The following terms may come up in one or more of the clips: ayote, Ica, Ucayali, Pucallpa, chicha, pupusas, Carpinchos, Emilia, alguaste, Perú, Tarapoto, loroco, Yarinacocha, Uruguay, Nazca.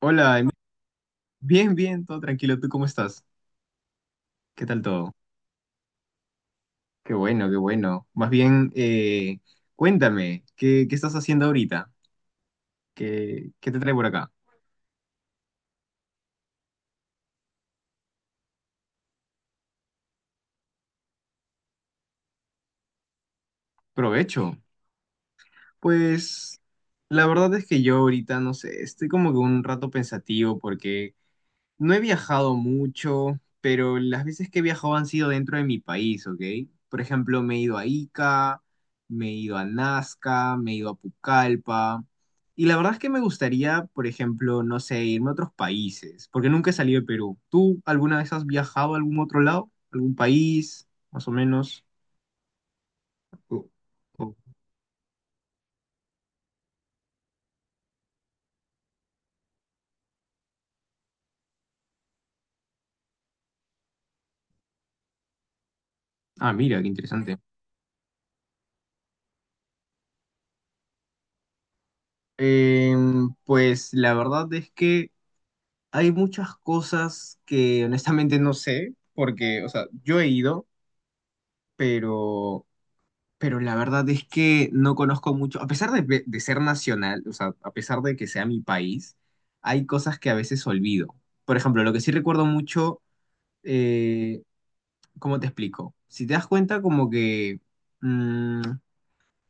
Hola, bien, bien, todo tranquilo. ¿Tú cómo estás? ¿Qué tal todo? Qué bueno, qué bueno. Más bien, cuéntame, ¿qué estás haciendo ahorita? ¿Qué te trae por acá? Provecho. Pues la verdad es que yo ahorita, no sé, estoy como que un rato pensativo porque no he viajado mucho, pero las veces que he viajado han sido dentro de mi país, ¿ok? Por ejemplo, me he ido a Ica, me he ido a Nazca, me he ido a Pucallpa. Y la verdad es que me gustaría, por ejemplo, no sé, irme a otros países, porque nunca he salido de Perú. ¿Tú alguna vez has viajado a algún otro lado? ¿Algún país, más o menos? Oh, oh. Ah, mira, qué interesante. Pues la verdad es que hay muchas cosas que honestamente no sé, porque, o sea, yo he ido, pero, pero la verdad es que no conozco mucho, a pesar de ser nacional, o sea, a pesar de que sea mi país, hay cosas que a veces olvido. Por ejemplo, lo que sí recuerdo mucho, eh, ¿cómo te explico? Si te das cuenta, como que mm,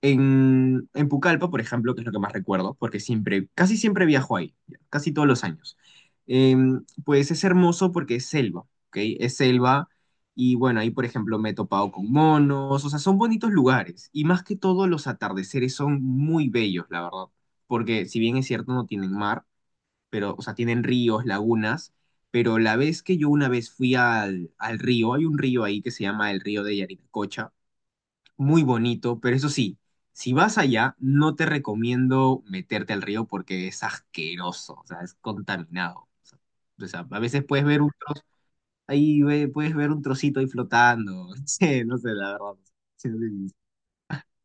en Pucallpa, por ejemplo, que es lo que más recuerdo, porque siempre, casi siempre viajo ahí, ya, casi todos los años. Pues es hermoso porque es selva, ¿ok? Es selva y bueno, ahí por ejemplo me he topado con monos, o sea, son bonitos lugares y más que todo los atardeceres son muy bellos, la verdad, porque si bien es cierto no tienen mar, pero, o sea, tienen ríos, lagunas, pero la vez que yo una vez fui al río, hay un río ahí que se llama el río de Yarinacocha, muy bonito, pero eso sí, si vas allá, no te recomiendo meterte al río porque es asqueroso, o sea, es contaminado. O sea, a veces puedes ver un trozo, ahí puedes ver un trocito ahí flotando, sí, no sé, la verdad. Sí, sí, sí.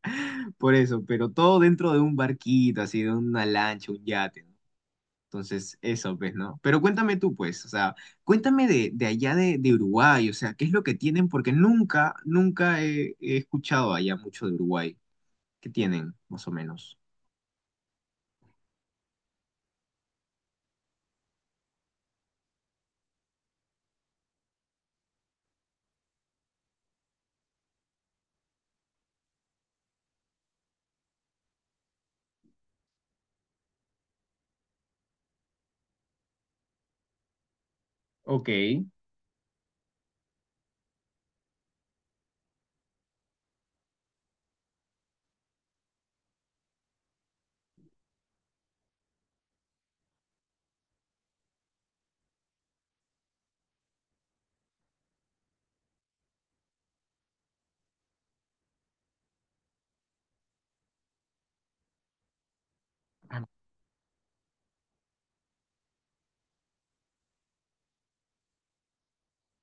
Por eso, pero todo dentro de un barquito, así, de una lancha, un yate, ¿no? Entonces, eso, pues, ¿no? Pero cuéntame tú, pues, o sea, cuéntame de allá de Uruguay, o sea, ¿qué es lo que tienen? Porque nunca, nunca he escuchado allá mucho de Uruguay que tienen, más o menos. Ok.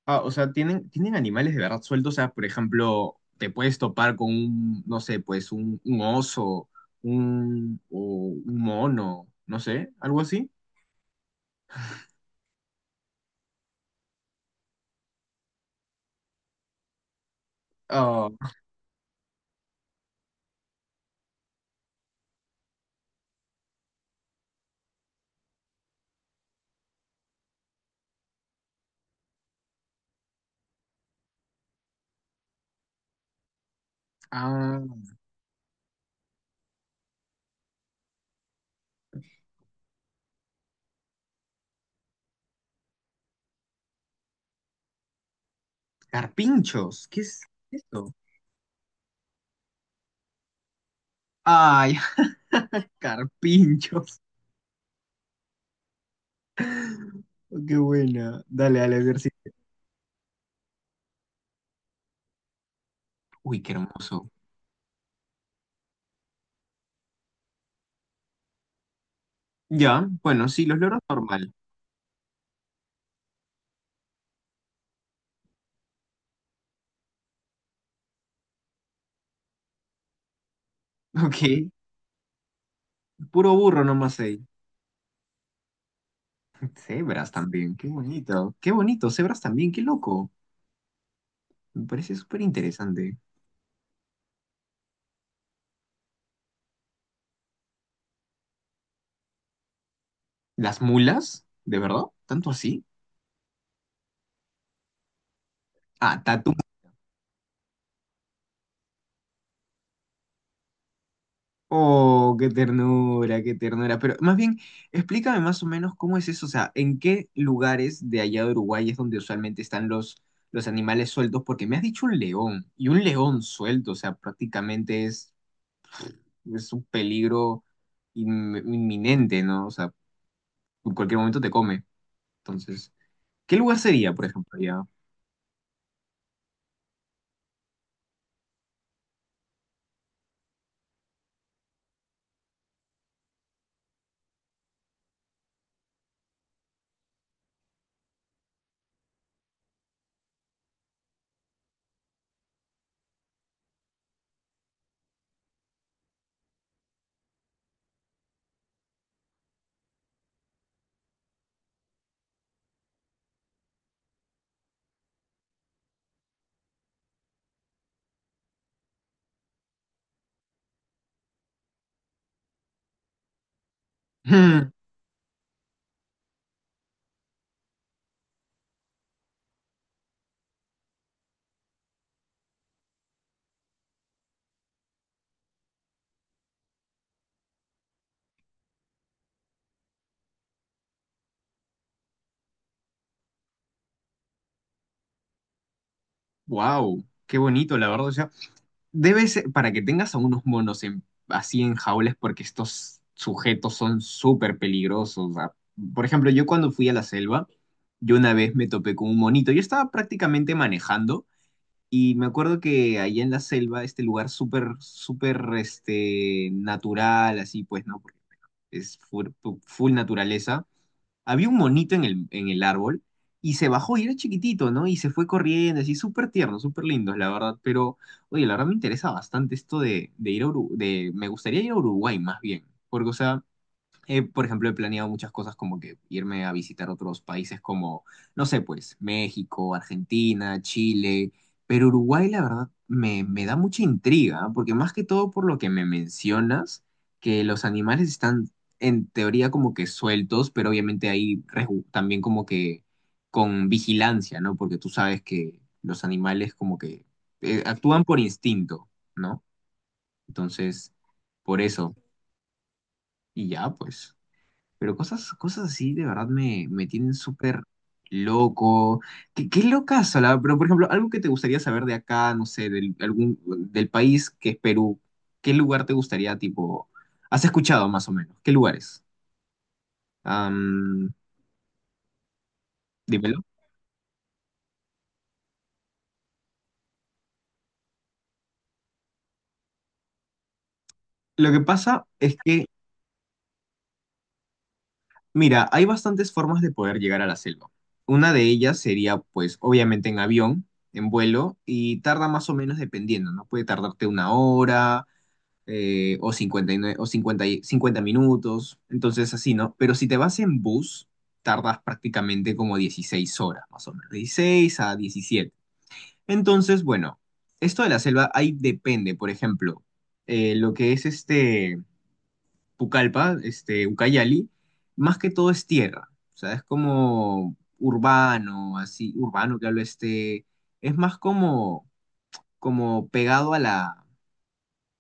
Ah, o sea, tienen animales de verdad sueltos. O sea, por ejemplo, te puedes topar con un, no sé, pues un oso, o un mono, no sé, algo así. Ah, ah, carpinchos, ¿qué es esto? Ay, carpinchos. Oh, qué buena. Dale, dale, a ver si- Uy, qué hermoso. Ya, bueno, sí, los loros normal. Ok, puro burro nomás ahí. Cebras también, qué bonito, cebras también, qué loco. Me parece súper interesante. ¿Las mulas? ¿De verdad? ¿Tanto así? Ah, tatu. Oh, qué ternura, qué ternura. Pero más bien, explícame más o menos cómo es eso, o sea, ¿en qué lugares de allá de Uruguay es donde usualmente están los animales sueltos? Porque me has dicho un león, y un león suelto, o sea, prácticamente es un peligro inminente, ¿no? O sea, en cualquier momento te come. Entonces, ¿qué lugar sería, por ejemplo, allá? Wow, qué bonito, la verdad. O sea, debe ser para que tengas a unos monos así en jaulas, porque estos sujetos son súper peligrosos. O sea, por ejemplo, yo cuando fui a la selva, yo una vez me topé con un monito. Yo estaba prácticamente manejando y me acuerdo que allá en la selva, este lugar súper, súper, natural, así pues, ¿no? Porque es full, full naturaleza. Había un monito en el árbol y se bajó y era chiquitito, ¿no? Y se fue corriendo, así súper tierno, súper lindo, la verdad. Pero, oye, la verdad me interesa bastante esto de ir a Uruguay, me gustaría ir a Uruguay más bien, porque, o sea, por ejemplo, he planeado muchas cosas como que irme a visitar otros países como, no sé, pues México, Argentina, Chile, pero Uruguay la verdad me da mucha intriga, ¿ah? Porque más que todo por lo que me mencionas, que los animales están en teoría como que sueltos, pero obviamente ahí también como que con vigilancia, ¿no? Porque tú sabes que los animales como que actúan por instinto, ¿no? Entonces, por eso, y ya, pues. Pero cosas, cosas así de verdad me tienen súper loco. Qué locazo, la- Pero, por ejemplo, algo que te gustaría saber de acá, no sé, del país que es Perú, ¿qué lugar te gustaría, tipo, has escuchado más o menos? ¿Qué lugares? Am, dímelo. Lo que pasa es que, mira, hay bastantes formas de poder llegar a la selva. Una de ellas sería, pues, obviamente en avión, en vuelo, y tarda más o menos dependiendo, ¿no? Puede tardarte una hora o 59, o 50 minutos, entonces así, ¿no? Pero si te vas en bus, tardas prácticamente como 16 horas, más o menos, 16 a 17. Entonces, bueno, esto de la selva ahí depende, por ejemplo, lo que es este Pucallpa, este Ucayali, más que todo es tierra, o sea, es como urbano, así, urbano que hablo es más como pegado a la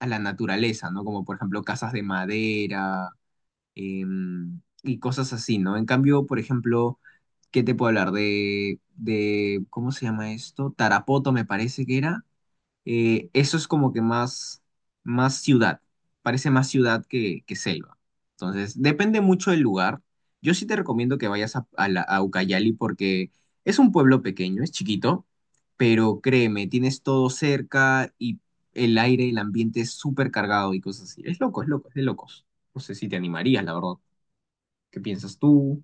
naturaleza, ¿no? Como por ejemplo casas de madera y cosas así, ¿no? En cambio, por ejemplo, ¿qué te puedo hablar? ¿Cómo se llama esto? Tarapoto me parece que era, eso es como que más, más ciudad, parece más ciudad que selva. Entonces, depende mucho del lugar. Yo sí te recomiendo que vayas a Ucayali porque es un pueblo pequeño, es chiquito, pero créeme, tienes todo cerca y el aire, el ambiente es súper cargado y cosas así. Es loco, es loco, es de locos. No sé si te animarías, la verdad. ¿Qué piensas tú?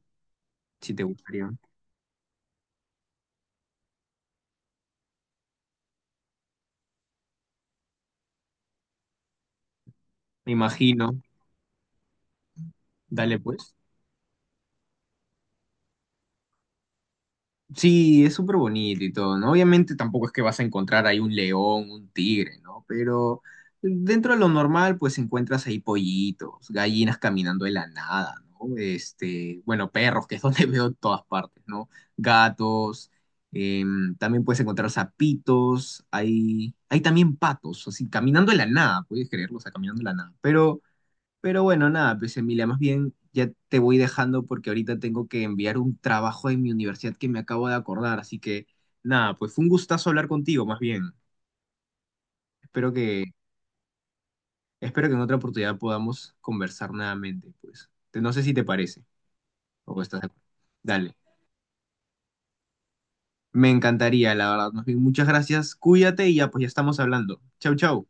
Si te gustaría. Me imagino. Dale, pues. Sí, es súper bonito y todo, ¿no? Obviamente tampoco es que vas a encontrar ahí un león, un tigre, ¿no? Pero dentro de lo normal, pues encuentras ahí pollitos, gallinas caminando de la nada, ¿no? Bueno, perros, que es donde veo en todas partes, ¿no? Gatos, también puedes encontrar sapitos, hay también patos, así, caminando de la nada, puedes creerlo, o sea, caminando de la nada. Pero bueno, nada, pues Emilia, más bien ya te voy dejando porque ahorita tengo que enviar un trabajo en mi universidad que me acabo de acordar, así que nada, pues fue un gustazo hablar contigo, más bien. Espero que, espero que en otra oportunidad podamos conversar nuevamente, pues. No sé si te parece o estás de acuerdo. Dale, me encantaría, la verdad. Más bien, muchas gracias, cuídate y ya, pues ya estamos hablando. Chau, chau.